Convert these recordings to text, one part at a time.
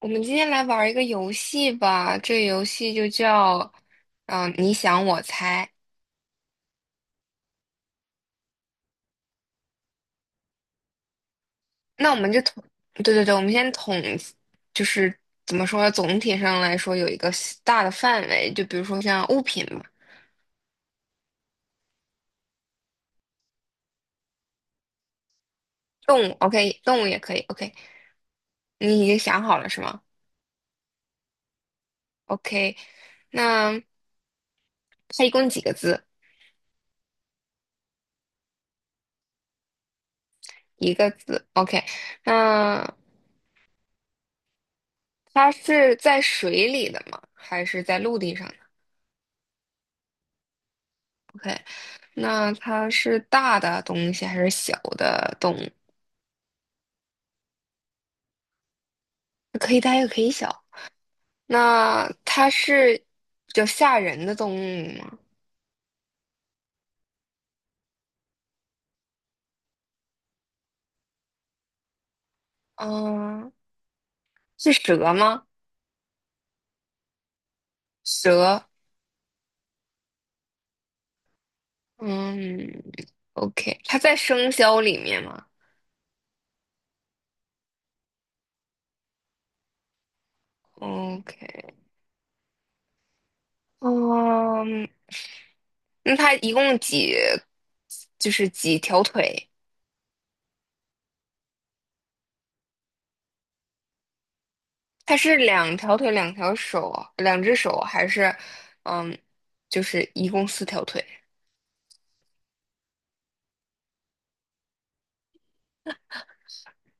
我们今天来玩儿一个游戏吧，这个游戏就叫，你想我猜。那我们就统，对对对，我们先统，就是怎么说，总体上来说有一个大的范围，就比如说像物品嘛，动物，OK，动物也可以，OK。你已经想好了是吗？OK，那它一共几个字？一个字，OK。那它是在水里的吗？还是在陆地上。 OK，那它是大的东西还是小的动物？可以大也可以小。那它是比较吓人的动物吗？嗯，是蛇吗？蛇。嗯，OK,它在生肖里面吗？OK，嗯，那它一共就是几条腿？它是两条腿、两条手、两只手，还是嗯，就是一共四条腿？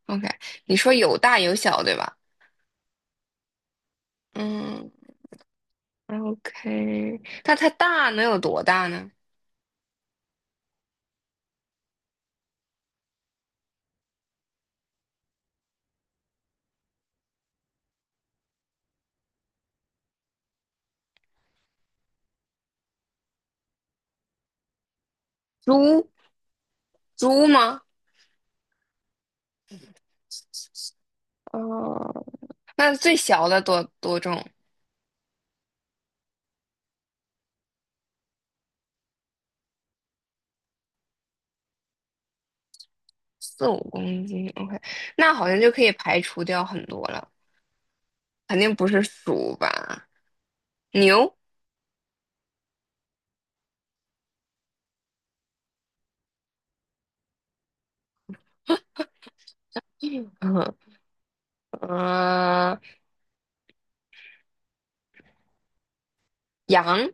OK，你说有大有小，对吧？嗯，OK，那它大能有多大呢？猪猪吗？哦，那最小的多重？四五公斤。OK，那好像就可以排除掉很多了，肯定不是鼠吧？牛，嗯，呃，羊，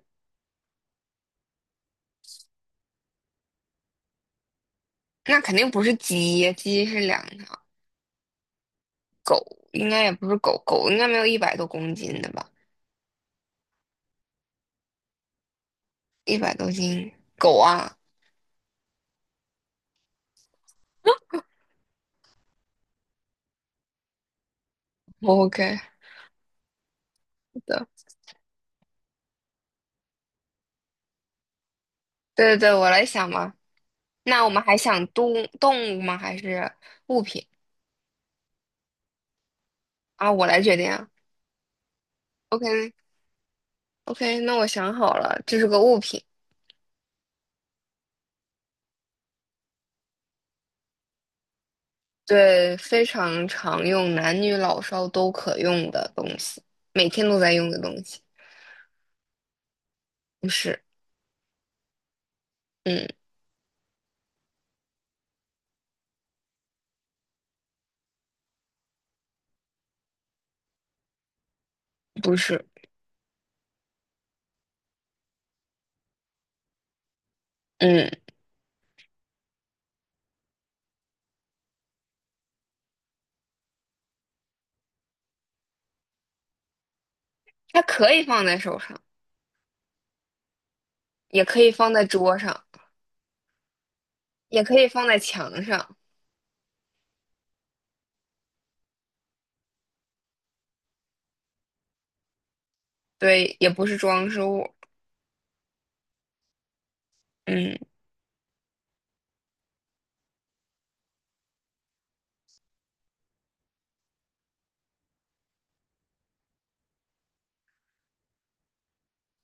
那肯定不是鸡，鸡是两条。狗应该也不是狗，狗应该没有一百多公斤的吧？一百多斤，狗啊。OK。的。对对对，我来想嘛。那我们还想动物吗？还是物品啊？我来决定啊。OK OK，那我想好了，这是个物品，对，非常常用，男女老少都可用的东西，每天都在用的东西。不是，嗯，不是，嗯，它可以放在手上，也可以放在桌上，也可以放在墙上。对，也不是装饰物。嗯，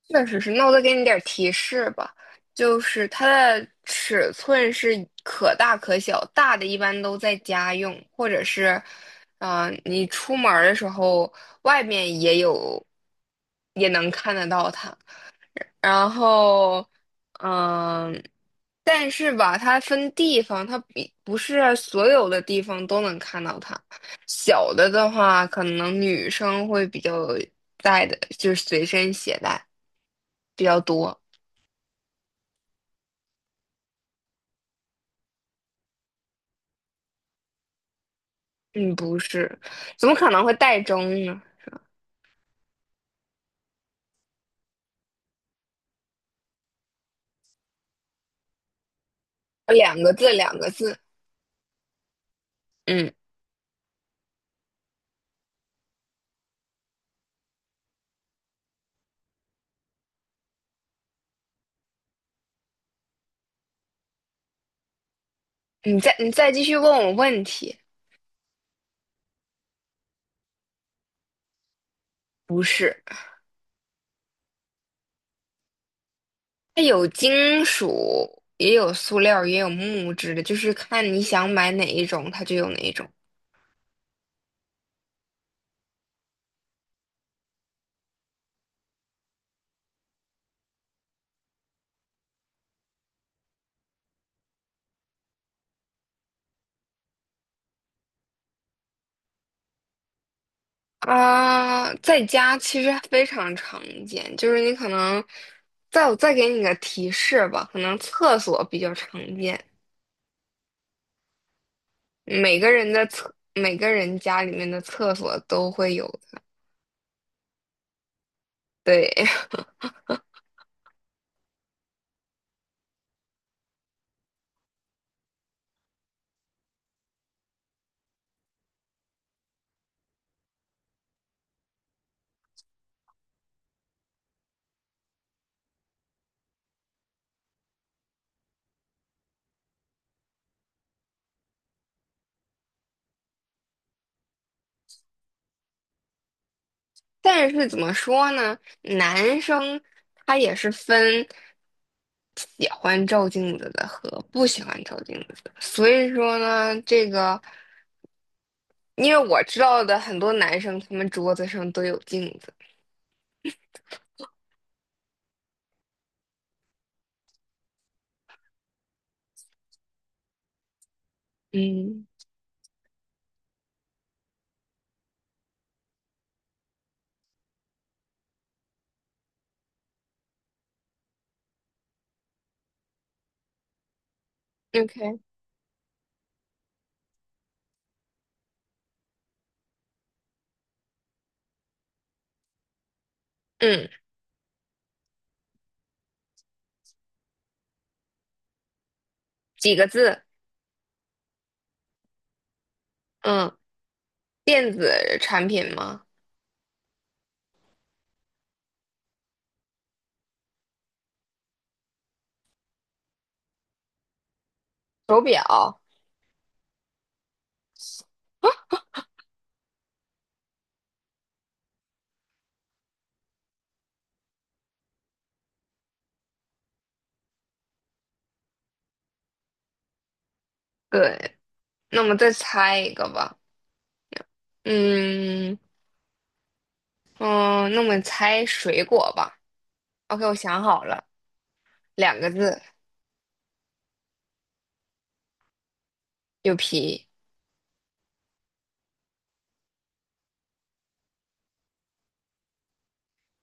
确实是，那我再给你点儿提示吧，就是它的尺寸是可大可小，大的一般都在家用，或者是，你出门儿的时候外面也有，也能看得到它。然后，嗯、但是吧，它分地方，它比不是所有的地方都能看到它。小的的话，可能女生会比较带的，就是随身携带比较多。嗯，不是，怎么可能会带中呢？两个字，两个字。嗯，你再继续问我问题。不是，它有金属，也有塑料，也有木质的，就是看你想买哪一种，它就有哪一种。啊、在家其实非常常见，就是你可能，我再给你个提示吧，可能厕所比较常见，每个人家里面的厕所都会有的。对，但是怎么说呢，男生他也是分喜欢照镜子的和不喜欢照镜子的，所以说呢，这个因为我知道的很多男生，他们桌子上都有镜子。嗯，OK，嗯，几个字？嗯，电子产品吗？手表。对，那么再猜一个吧。嗯嗯，那么猜水果吧。OK，我想好了，两个字，有皮。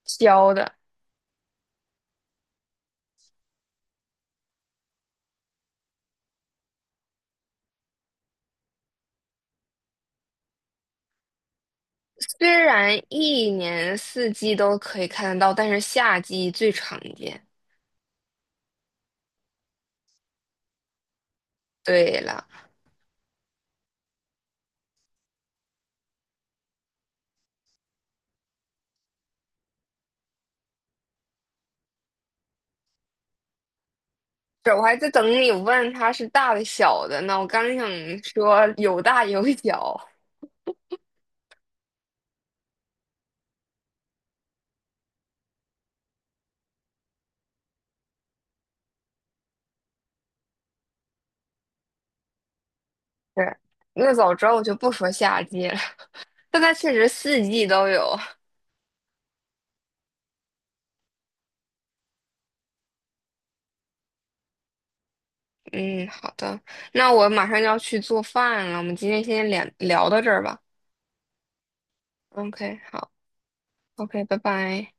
教的。虽然一年四季都可以看得到，但是夏季最常见。对了，是我还在等你问它是大的小的呢。我刚想说有大有小，对，那早知道我就不说夏季了。但它确实四季都有。嗯，好的，那我马上就要去做饭了。我们今天先聊聊到这儿吧。OK，好，OK，拜拜。